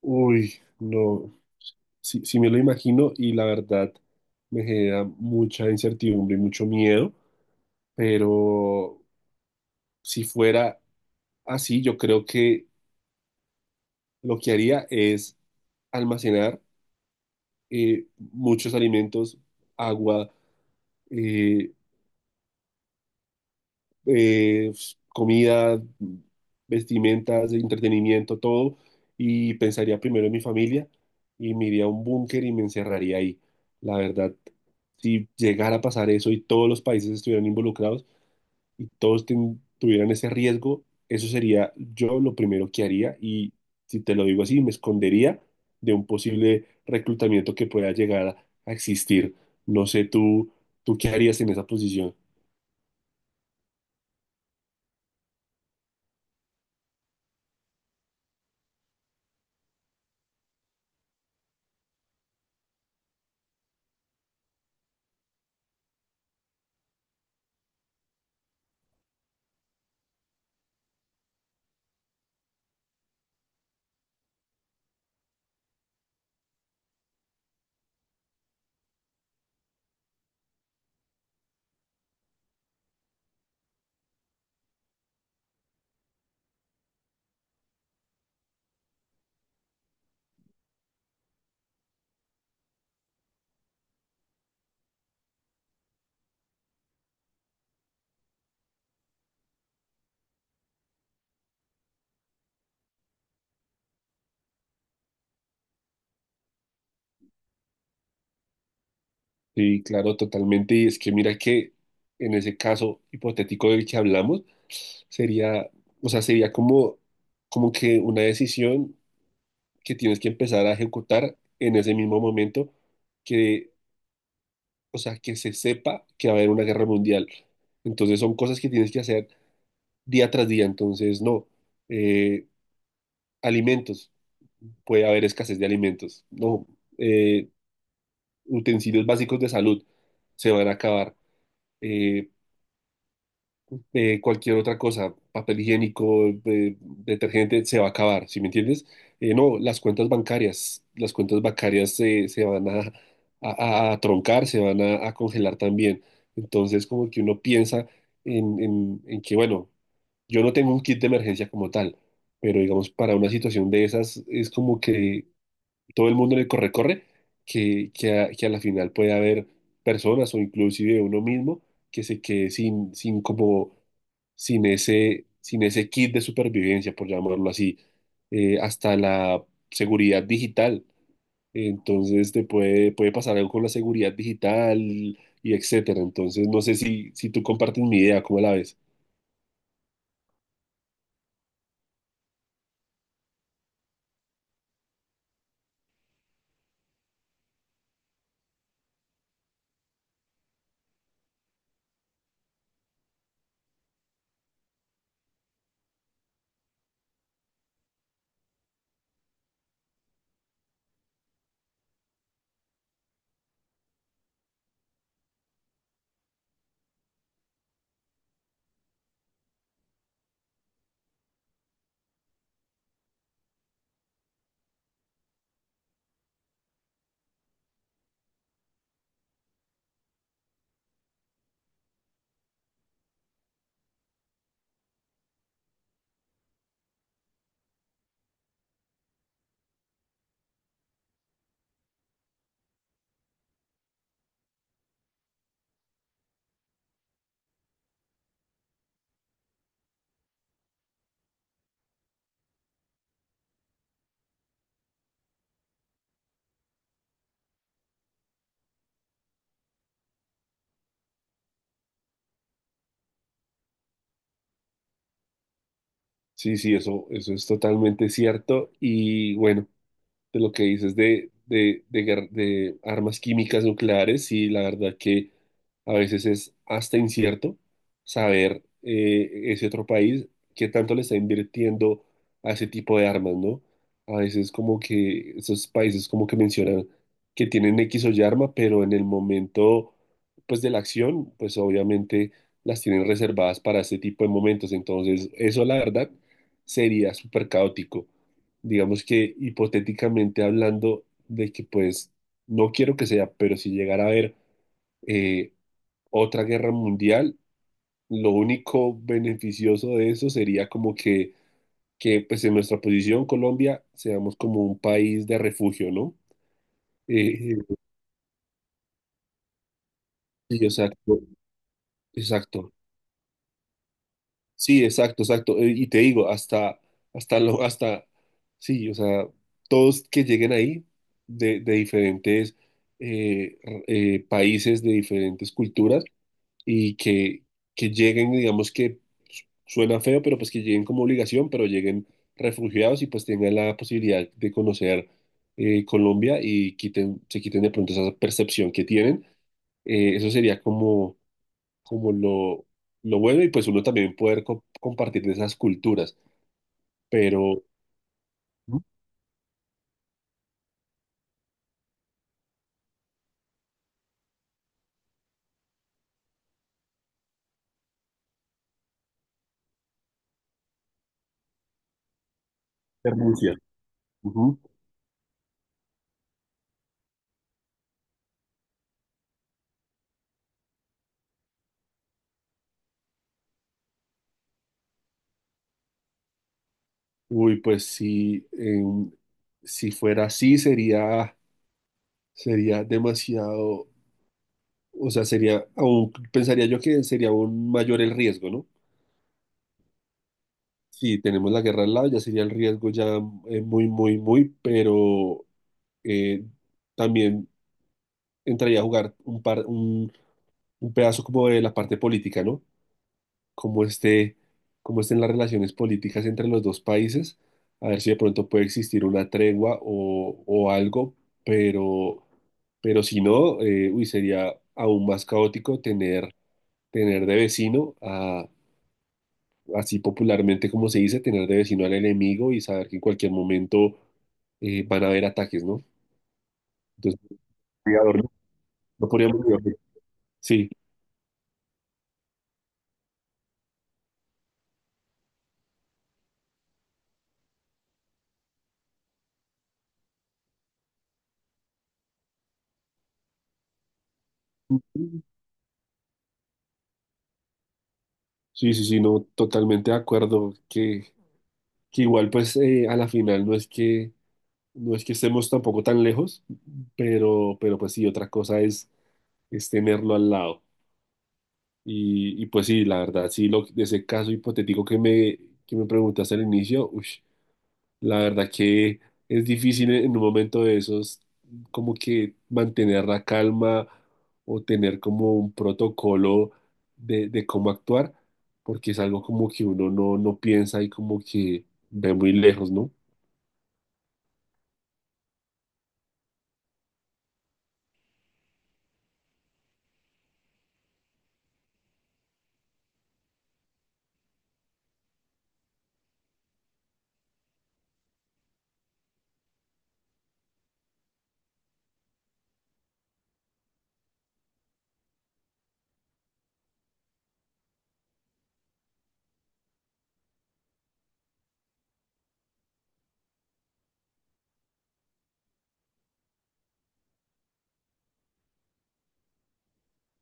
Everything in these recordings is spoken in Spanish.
Uy, no, sí, sí me lo imagino y la verdad me genera mucha incertidumbre y mucho miedo, pero si fuera así, yo creo que lo que haría es almacenar muchos alimentos, agua, eh, eh, comida, vestimentas, entretenimiento, todo, y pensaría primero en mi familia y me iría a un búnker y me encerraría ahí. La verdad, si llegara a pasar eso y todos los países estuvieran involucrados y todos tuvieran ese riesgo, eso sería yo lo primero que haría y si te lo digo así, me escondería de un posible reclutamiento que pueda llegar a existir. No sé tú, tú qué harías en esa posición. Sí, claro, totalmente. Y es que mira que en ese caso hipotético del que hablamos, sería, o sea, sería como, como que una decisión que tienes que empezar a ejecutar en ese mismo momento que, o sea, que se sepa que va a haber una guerra mundial. Entonces son cosas que tienes que hacer día tras día. Entonces, no, eh, alimentos, puede haber escasez de alimentos. No, eh, utensilios básicos de salud se van a acabar. Eh, cualquier otra cosa, papel higiénico, detergente, se va a acabar, ¿sí me entiendes? No, las cuentas bancarias, las cuentas bancarias se van a, a- a troncar, se van a congelar también. Entonces, como que uno piensa en, en que, bueno, yo no tengo un kit de emergencia como tal, pero digamos, para una situación de esas es como que todo el mundo en el corre-corre, que a la final puede haber personas o inclusive uno mismo que se quede sin, sin como, sin ese, sin ese kit de supervivencia, por llamarlo así, hasta la seguridad digital. Entonces te puede, puede pasar algo con la seguridad digital y etcétera. Entonces no sé si, si tú compartes mi idea, ¿cómo la ves? Sí, sí, eso es totalmente cierto. Y bueno, de lo que dices de de armas químicas nucleares, y la verdad que a veces es hasta incierto saber ese otro país qué tanto le está invirtiendo a ese tipo de armas, ¿no? A veces como que esos países como que mencionan que tienen X o Y arma, pero en el momento pues de la acción, pues obviamente las tienen reservadas para ese tipo de momentos. Entonces, eso la verdad sería súper caótico digamos que hipotéticamente hablando de que pues no quiero que sea, pero si llegara a haber eh, otra guerra mundial, lo único beneficioso de eso sería como que pues en nuestra posición Colombia seamos como un país de refugio, ¿no? Eh, sí, exacto, exacto. Sí, exacto, exacto. Y te digo, hasta lo, hasta, sí, o sea, todos que lleguen ahí de diferentes países, de diferentes culturas, y que lleguen, digamos que suena feo, pero pues que lleguen como obligación, pero lleguen refugiados y pues tengan la posibilidad de conocer Colombia y quiten, se quiten de pronto esa percepción que tienen. Eso sería como como lo bueno y pues uno también poder compartir de esas culturas, pero... Ujú. Renuncia. Ujú. Uy, pues si, si fuera así sería, sería demasiado, o sea, sería, aún pensaría yo que sería aún mayor el riesgo, ¿no? Si tenemos la guerra al lado, ya sería el riesgo ya muy, muy, muy, pero eh, también entraría a jugar un pedazo como de la parte política, ¿no? Cómo esté, cómo estén las relaciones políticas entre los dos países, a ver si de pronto puede existir una tregua o algo, pero, pero si no, uy, sería aún más caótico tener, tener de vecino a, así popularmente como se dice, tener de vecino al enemigo y saber que en cualquier momento van a haber ataques, ¿no? Entonces, cuidador, no. No podríamos vivir. Sí, sí, sí, sí, no, totalmente de acuerdo que igual pues a la final no es que no es que estemos tampoco tan lejos, pero pues sí, otra cosa es tenerlo al lado. Y pues sí, la verdad, sí, lo, de ese caso hipotético que me preguntaste al inicio, ush, la verdad que es difícil e, en un momento de esos como que mantener la calma o tener como un protocolo de cómo actuar, porque es algo como que uno no, no piensa y como que ve muy lejos, ¿no?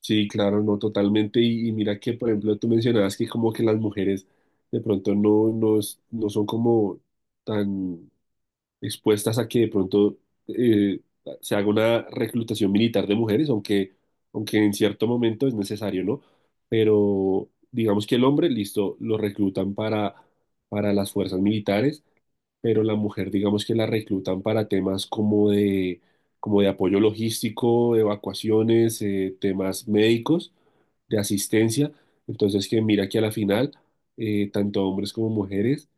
Sí, claro, no, totalmente. Y mira que, por ejemplo, tú mencionabas que como que las mujeres de pronto no, no, no son como tan expuestas a que de pronto eh, se haga una reclutación militar de mujeres, aunque, aunque en cierto momento es necesario, ¿no? Pero digamos que el hombre, listo, lo reclutan para las fuerzas militares, pero la mujer, digamos que la reclutan para temas como de apoyo logístico, evacuaciones, temas médicos, de asistencia. Entonces, que mira que a la final, tanto hombres como mujeres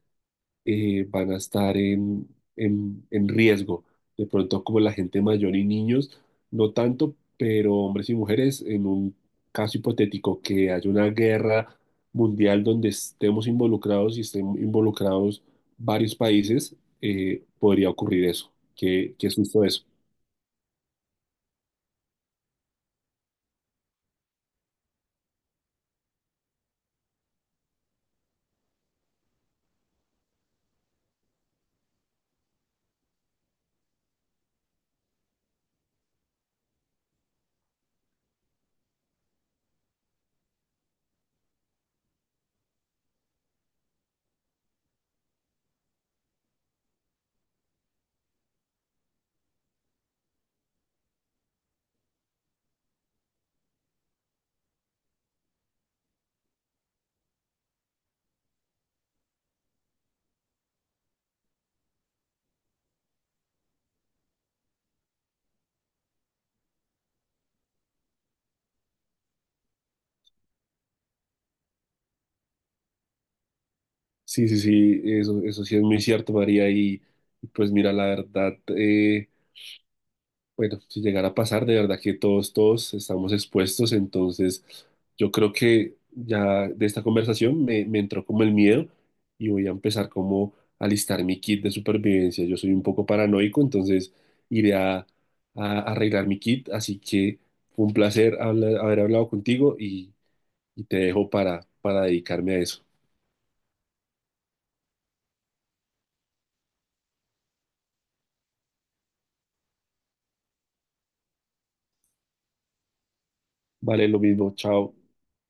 van a estar en riesgo. De pronto, como la gente mayor y niños, no tanto, pero hombres y mujeres, en un caso hipotético que haya una guerra mundial donde estemos involucrados y estén involucrados varios países, podría ocurrir eso. Qué, qué susto eso. Sí, sí, sí, eso sí es muy cierto, María. Y pues mira, la verdad, bueno, si llegara a pasar, de verdad que todos, todos estamos expuestos, entonces yo creo que ya de esta conversación me, me entró como el miedo y voy a empezar como a listar mi kit de supervivencia. Yo soy un poco paranoico, entonces iré a, a- arreglar mi kit, así que fue un placer haber hablado contigo y te dejo para dedicarme a eso. Vale, lo mismo, chao.